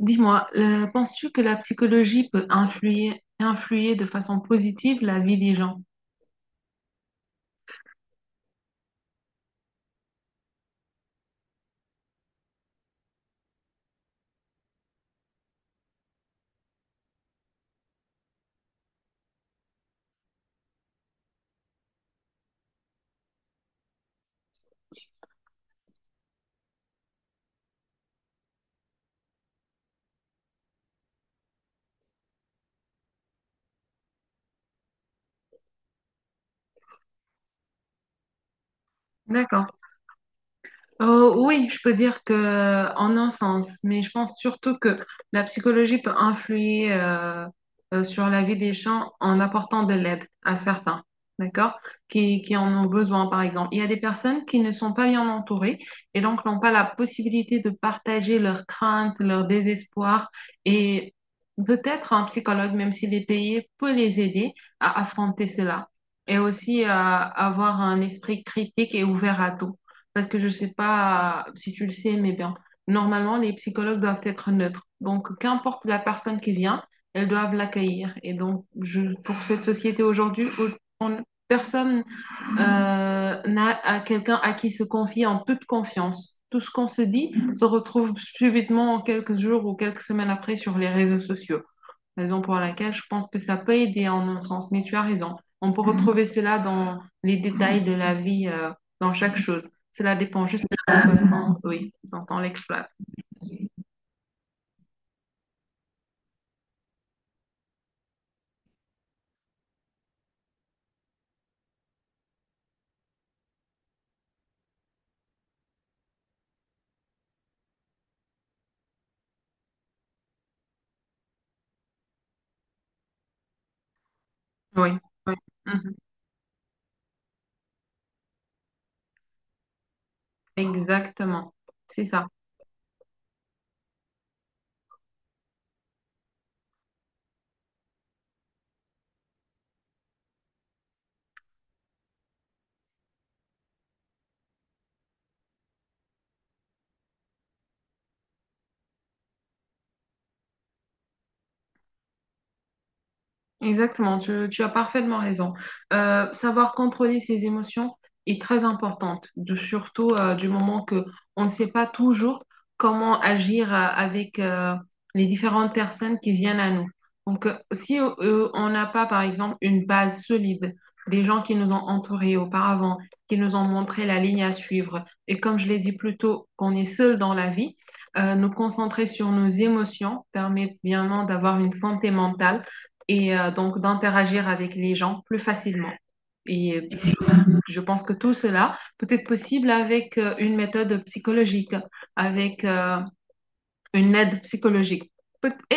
Dis-moi, penses-tu que la psychologie peut influer, influer de façon positive la vie des gens? D'accord. Oui, je peux dire que en un sens, mais je pense surtout que la psychologie peut influer sur la vie des gens en apportant de l'aide à certains, d'accord, qui en ont besoin, par exemple. Il y a des personnes qui ne sont pas bien entourées et donc n'ont pas la possibilité de partager leurs craintes, leur désespoir et peut-être un psychologue, même s'il est payé, peut les aider à affronter cela et aussi à avoir un esprit critique et ouvert à tout. Parce que je ne sais pas si tu le sais, mais bien, normalement, les psychologues doivent être neutres. Donc, qu'importe la personne qui vient, elles doivent l'accueillir. Et donc, pour cette société aujourd'hui, où on- personne n'a à quelqu'un à qui se confier en toute confiance. Tout ce qu'on se dit se retrouve subitement quelques jours ou quelques semaines après sur les réseaux sociaux, raison pour laquelle je pense que ça peut aider en un sens, mais tu as raison. On peut retrouver cela dans les détails de la vie, dans chaque chose. Cela dépend juste de la façon, oui, dont on l'exploite. Oui, oui. Mhm. Exactement. C'est ça. Exactement, tu as parfaitement raison. Savoir contrôler ses émotions est très importante, surtout du moment que on ne sait pas toujours comment agir avec les différentes personnes qui viennent à nous. Donc, si on n'a pas, par exemple, une base solide des gens qui nous ont entourés auparavant, qui nous ont montré la ligne à suivre, et comme je l'ai dit plus tôt, qu'on est seul dans la vie, nous concentrer sur nos émotions permet bien d'avoir une santé mentale et donc d'interagir avec les gens plus facilement. Et je pense que tout cela peut être possible avec une méthode psychologique, avec une aide psychologique.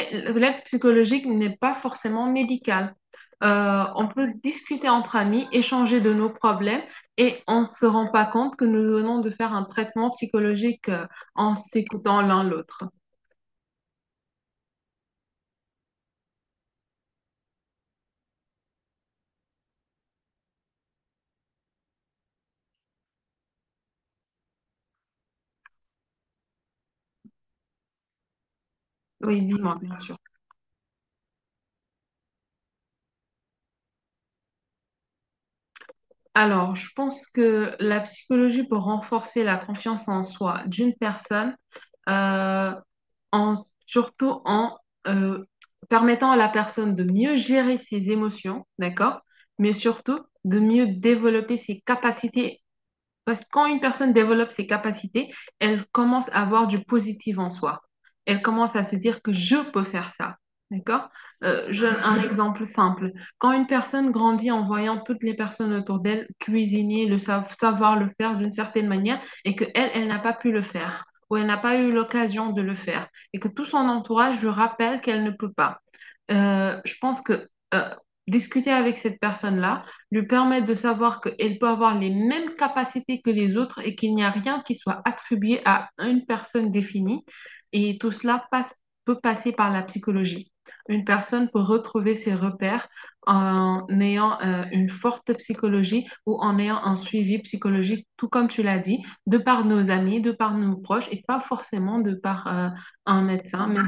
L'aide psychologique n'est pas forcément médicale. On peut discuter entre amis, échanger de nos problèmes et on ne se rend pas compte que nous venons de faire un traitement psychologique en s'écoutant l'un l'autre. Oui, dis-moi, bien sûr. Alors, je pense que la psychologie peut renforcer la confiance en soi d'une personne, euh, en, surtout en euh, permettant à la personne de mieux gérer ses émotions, d'accord? Mais surtout de mieux développer ses capacités parce que quand une personne développe ses capacités, elle commence à avoir du positif en soi. Elle commence à se dire que je peux faire ça. D'accord? Donne un exemple simple. Quand une personne grandit en voyant toutes les personnes autour d'elle cuisiner, savoir le faire d'une certaine manière, et que elle, elle n'a pas pu le faire, ou elle n'a pas eu l'occasion de le faire, et que tout son entourage lui rappelle qu'elle ne peut pas je pense que euh, discuter avec cette personne-là lui permet de savoir qu'elle peut avoir les mêmes capacités que les autres et qu'il n'y a rien qui soit attribué à une personne définie. Et tout cela passe, peut passer par la psychologie. Une personne peut retrouver ses repères en ayant une forte psychologie ou en ayant un suivi psychologique, tout comme tu l'as dit, de par nos amis, de par nos proches et pas forcément de par un médecin, mais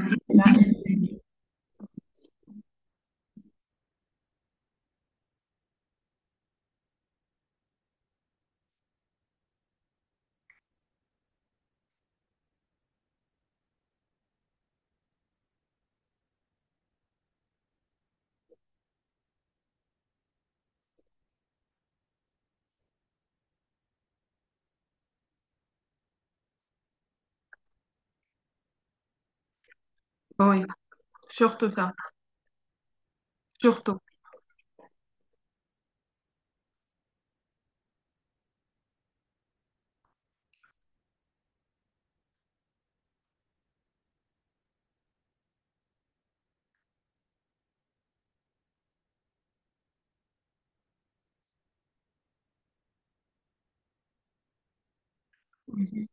oui, surtout ça. Surtout. Mhm.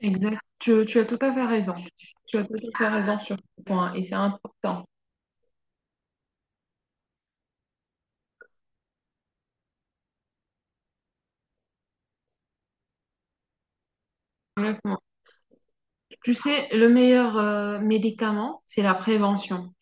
Exact. Tu as tout à fait raison. Tu as tout à fait raison sur ce point et c'est important. Honnêtement. Tu sais, le meilleur médicament, c'est la prévention.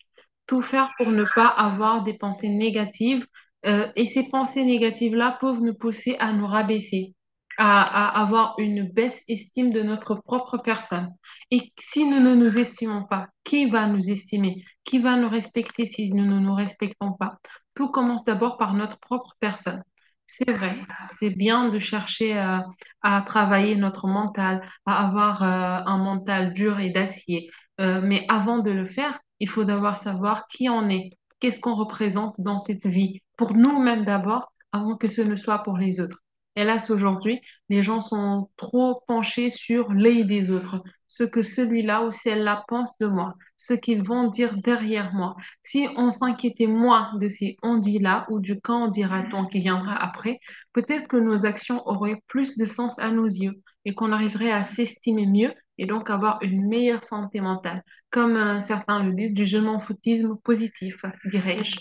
Tout faire pour ne pas avoir des pensées négatives. Et ces pensées négatives-là peuvent nous pousser à nous rabaisser, à avoir une baisse estime de notre propre personne. Et si nous ne nous estimons pas, qui va nous estimer? Qui va nous respecter si nous ne nous respectons pas? Tout commence d'abord par notre propre personne. C'est vrai, c'est bien de chercher à travailler notre mental, à avoir un mental dur et d'acier mais avant de le faire, il faut d'abord savoir qui on est, qu'est-ce qu'on représente dans cette vie, pour nous-mêmes d'abord, avant que ce ne soit pour les autres. Hélas, aujourd'hui, les gens sont trop penchés sur les des autres, ce que celui-là ou celle-là pense de moi, ce qu'ils vont dire derrière moi. Si on s'inquiétait moins de ces on dit là ou du quand on dira-t-on qui viendra après, peut-être que nos actions auraient plus de sens à nos yeux et qu'on arriverait à s'estimer mieux et donc avoir une meilleure santé mentale. Comme certains le disent, du je m'en foutisme positif, dirais-je.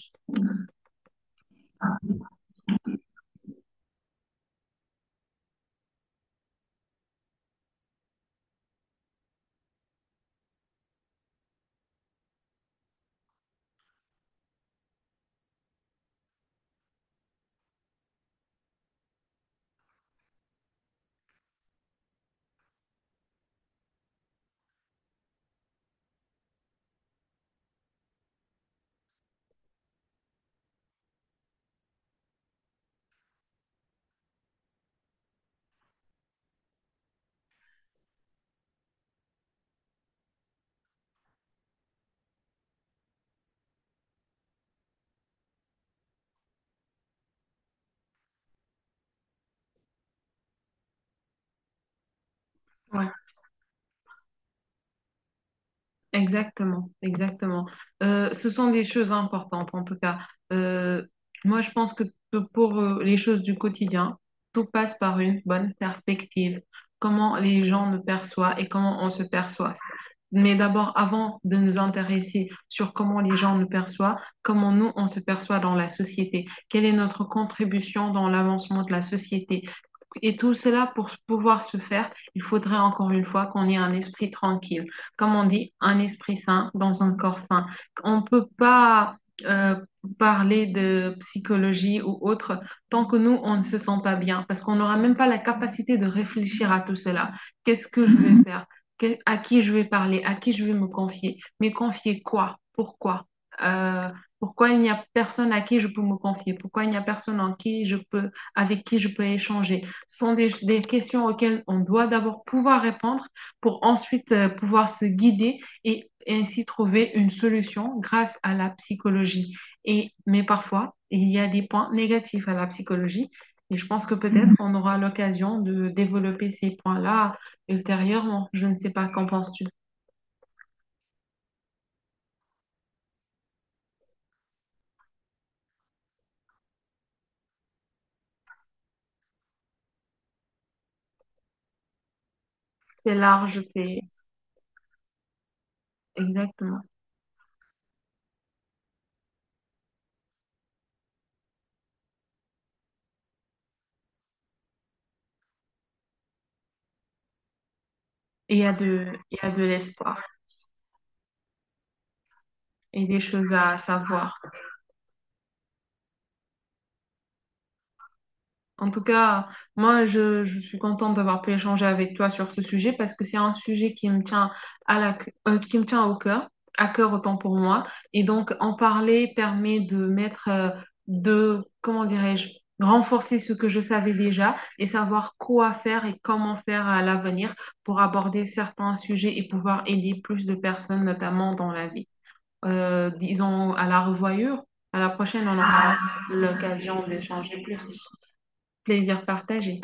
Ouais. Exactement, exactement. Ce sont des choses importantes en tout cas. Euh, Moi, je pense que pour les choses du quotidien, tout passe par une bonne perspective, comment les gens nous perçoivent et comment on se perçoit. Mais d'abord, avant de nous intéresser sur comment les gens nous perçoivent, comment nous, on se perçoit dans la société, quelle est notre contribution dans l'avancement de la société. Et tout cela, pour pouvoir se faire, il faudrait encore une fois qu'on ait un esprit tranquille, comme on dit, un esprit sain dans un corps sain. On ne peut pas euh, parler de psychologie ou autre tant que nous, on ne se sent pas bien, parce qu'on n'aura même pas la capacité de réfléchir à tout cela. Qu'est-ce que je vais faire? À qui je vais parler? À qui je vais me confier? Mais confier quoi? Pourquoi? Euh, Pourquoi il n'y a personne à qui je peux me confier? Pourquoi il n'y a personne en qui je peux, avec qui je peux échanger? Ce sont des questions auxquelles on doit d'abord pouvoir répondre pour ensuite pouvoir se guider et ainsi trouver une solution grâce à la psychologie. Et, mais parfois, il y a des points négatifs à la psychologie et je pense que peut-être on aura l'occasion de développer ces points-là ultérieurement. Je ne sais pas, qu'en penses-tu? C'est large, c'est exactement. Et il y a il y a de l'espoir et des choses à savoir. En tout cas, moi, je suis contente d'avoir pu échanger avec toi sur ce sujet parce que c'est un sujet qui me tient à la, qui me tient au cœur, à cœur autant pour moi. Et donc, en parler permet de mettre, de, comment dirais-je, renforcer ce que je savais déjà et savoir quoi faire et comment faire à l'avenir pour aborder certains sujets et pouvoir aider plus de personnes, notamment dans la vie. Disons à la revoyure. À la prochaine, on aura l'occasion d'échanger plus, plaisir partagé.